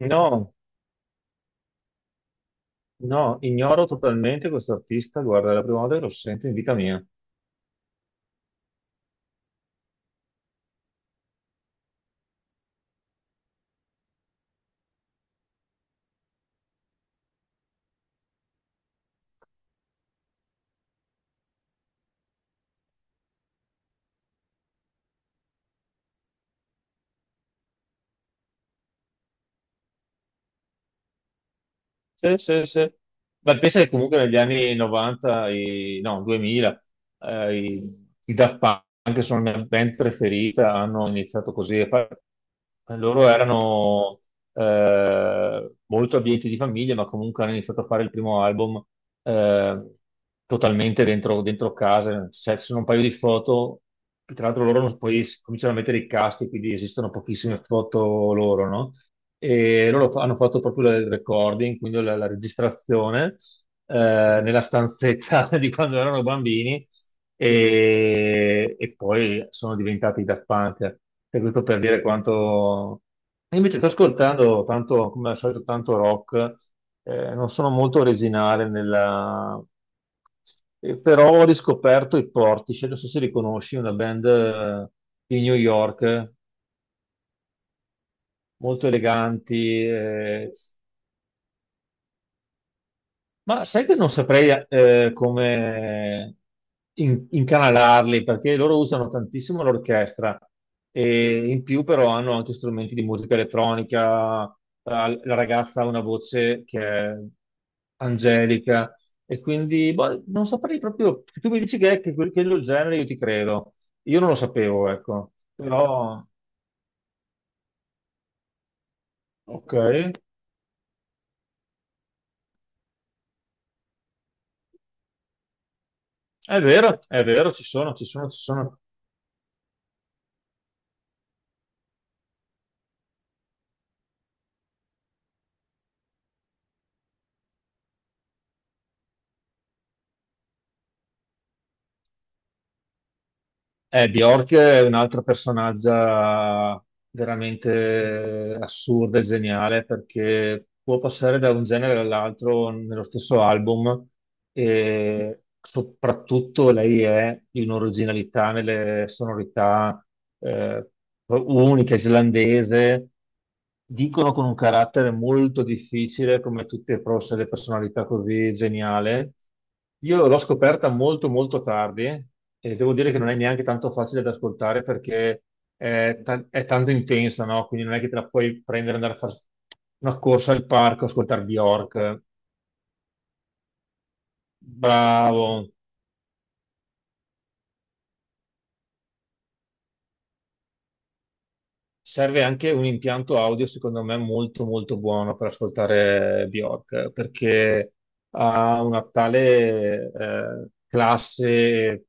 No, no, ignoro totalmente questo artista. Guarda, è la prima volta che lo sento in vita mia. Sì, sì, sì. Beh, pensa che comunque negli anni 90, no, 2000, i Daft Punk, che sono la mia band preferita, hanno iniziato così. E poi loro erano molto abbienti di famiglia, ma comunque hanno iniziato a fare il primo album eh, totalmente dentro casa. Cioè, ci sono un paio di foto, che tra l'altro loro cominciano a mettere i caschi, quindi esistono pochissime foto loro, no? E loro hanno fatto proprio il recording, quindi la registrazione nella stanzetta di quando erano bambini e poi sono diventati Daft Punk. E questo per dire quanto. E invece sto ascoltando tanto, come al solito, tanto rock, non sono molto originale nella. Però ho riscoperto i Portishead, non so se li conosci, una band di New York, molto eleganti. Eh, Ma sai che non saprei come incanalarli, perché loro usano tantissimo l'orchestra e in più però hanno anche strumenti di musica elettronica. La ragazza ha una voce che è angelica, e quindi boh, non saprei proprio. Tu mi dici che quello è il genere, io ti credo. Io non lo sapevo, ecco. Però, ok, è vero, ci sono, ci sono, ci sono. Bjork è un'altra personaggia veramente assurda e geniale, perché può passare da un genere all'altro nello stesso album, e soprattutto lei è di un'originalità nelle sonorità eh, unica, islandese. Dicono con un carattere molto difficile, come tutte forse le personalità così geniale. Io l'ho scoperta molto molto tardi, e devo dire che non è neanche tanto facile da ascoltare perché è tanto intensa, no? Quindi non è che te la puoi prendere e andare a fare una corsa al parco, ascoltare Bjork. Bravo. Serve anche un impianto audio, secondo me, molto molto buono per ascoltare Bjork, perché ha una tale classe,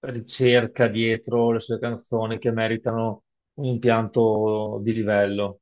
ricerca dietro le sue canzoni, che meritano un impianto di livello.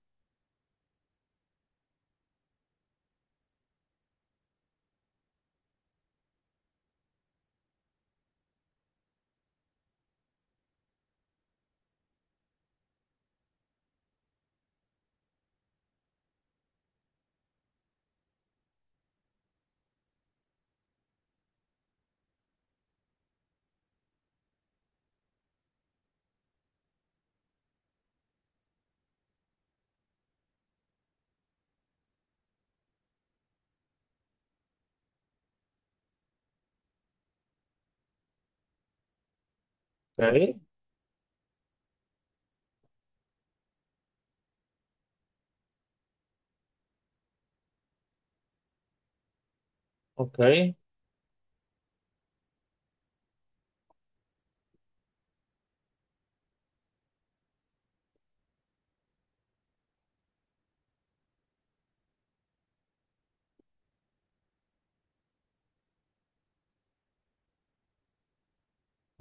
Ok, ok. Ma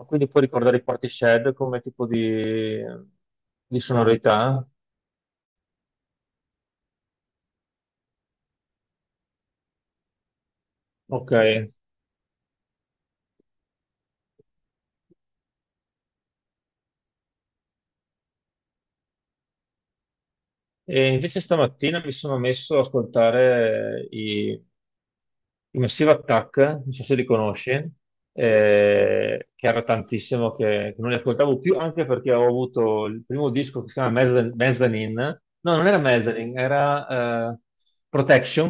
quindi puoi ricordare i Portishead come tipo di sonorità? Ok. E invece stamattina mi sono messo ad ascoltare i Massive Attack, non so se li conosci, che era tantissimo che non li ascoltavo più, anche perché ho avuto il primo disco che si chiama Mezzanine, no, non era Mezzanine, era Protection,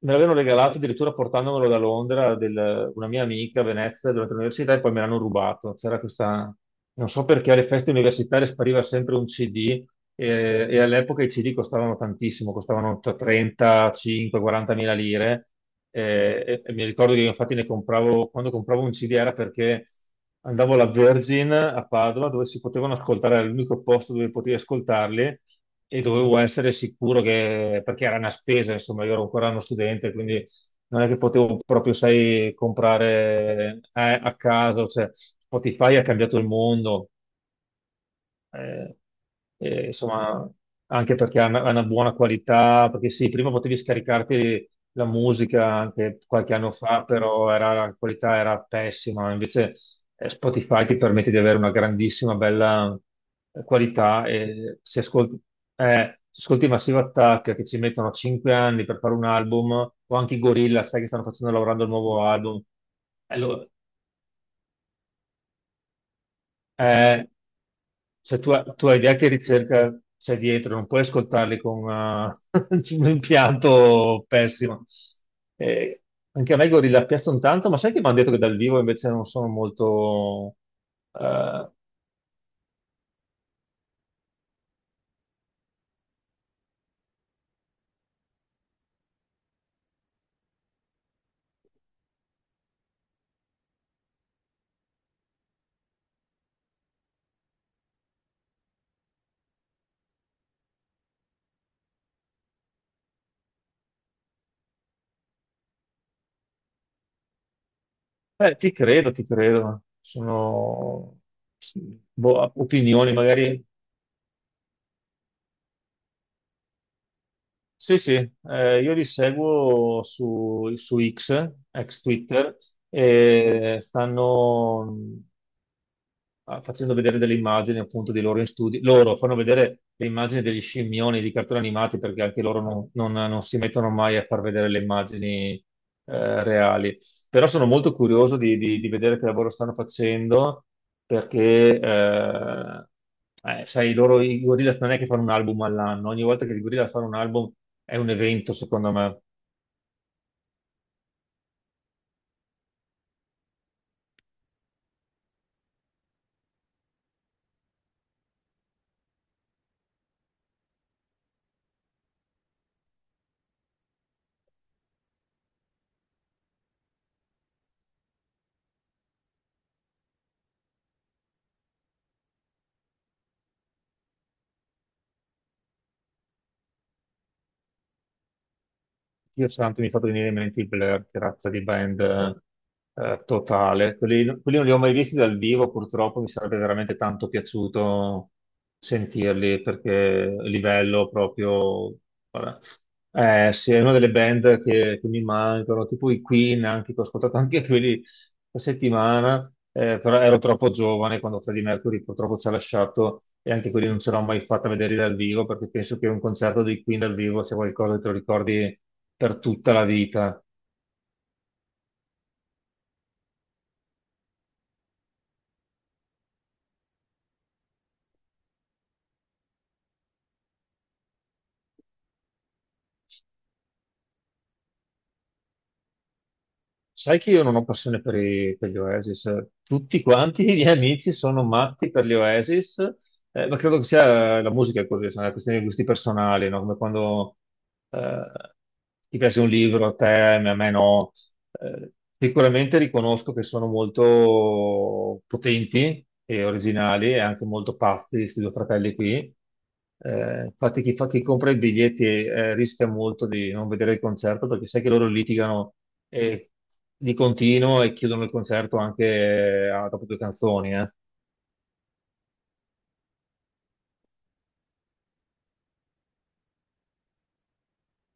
me l'avevano regalato addirittura portandomelo da Londra, una mia amica a Venezia durante l'università, e poi me l'hanno rubato. C'era questa, non so perché alle feste universitarie spariva sempre un CD, e all'epoca i CD costavano tantissimo, costavano tra 35, 40 mila lire. E mi ricordo che io infatti ne compravo, quando compravo un CD, era perché andavo alla Virgin a Padova, dove si potevano ascoltare, era l'unico posto dove potevi ascoltarli, e dovevo essere sicuro, che, perché era una spesa, insomma, io ero ancora uno studente, quindi non è che potevo proprio, sai, comprare a caso. Cioè, Spotify ha cambiato il mondo, eh, insomma, anche perché ha una buona qualità, perché sì, prima potevi scaricarti la musica anche qualche anno fa, però la qualità era pessima, invece Spotify ti permette di avere una grandissima, bella qualità, e se ascolti Massive Attack, che ci mettono 5 anni per fare un album, o anche i Gorilla, sai che stanno facendo, lavorando il nuovo album, allora, eh, cioè, tu, tu hai idea che ricerca c'è dietro, non puoi ascoltarli con un impianto pessimo. Eh, anche a me i Gorilla piacciono tanto, ma sai che mi hanno detto che dal vivo invece non sono molto. Eh, eh, ti credo, ti credo. Sono boh, opinioni, magari. Sì, sì, io li seguo su X, ex Twitter, e stanno facendo vedere delle immagini appunto di loro in studio. Loro fanno vedere le immagini degli scimmioni di cartoni animati, perché anche loro non si mettono mai a far vedere le immagini reali. Però sono molto curioso di vedere che lavoro stanno facendo, perché, sai, loro i Gorillaz non è che fanno un album all'anno, ogni volta che i Gorillaz fanno un album è un evento, secondo me. Dio santo, mi ha fatto venire in mente i Blur, che razza di band totale. Quelli non li ho mai visti dal vivo, purtroppo, mi sarebbe veramente tanto piaciuto sentirli, perché livello proprio. Ora. Sì, è una delle band che mi mancano, tipo i Queen, anche, che ho ascoltato anche quelli questa settimana, però ero troppo giovane quando Freddie Mercury purtroppo ci ha lasciato, e anche quelli non ce l'ho mai fatta vedere dal vivo, perché penso che un concerto dei Queen dal vivo sia qualcosa che te lo ricordi per tutta la vita. Sai che io non ho passione per gli Oasis. Tutti quanti i miei amici sono matti per gli Oasis, ma credo che sia la musica è così, sono una questione di gusti personali, no? Come quando eh, ti piace un libro a te, a me no. Eh, sicuramente riconosco che sono molto potenti e originali e anche molto pazzi, questi due fratelli qui. Infatti chi chi compra i biglietti rischia molto di non vedere il concerto, perché sai che loro litigano e di continuo, e chiudono il concerto anche dopo due canzoni.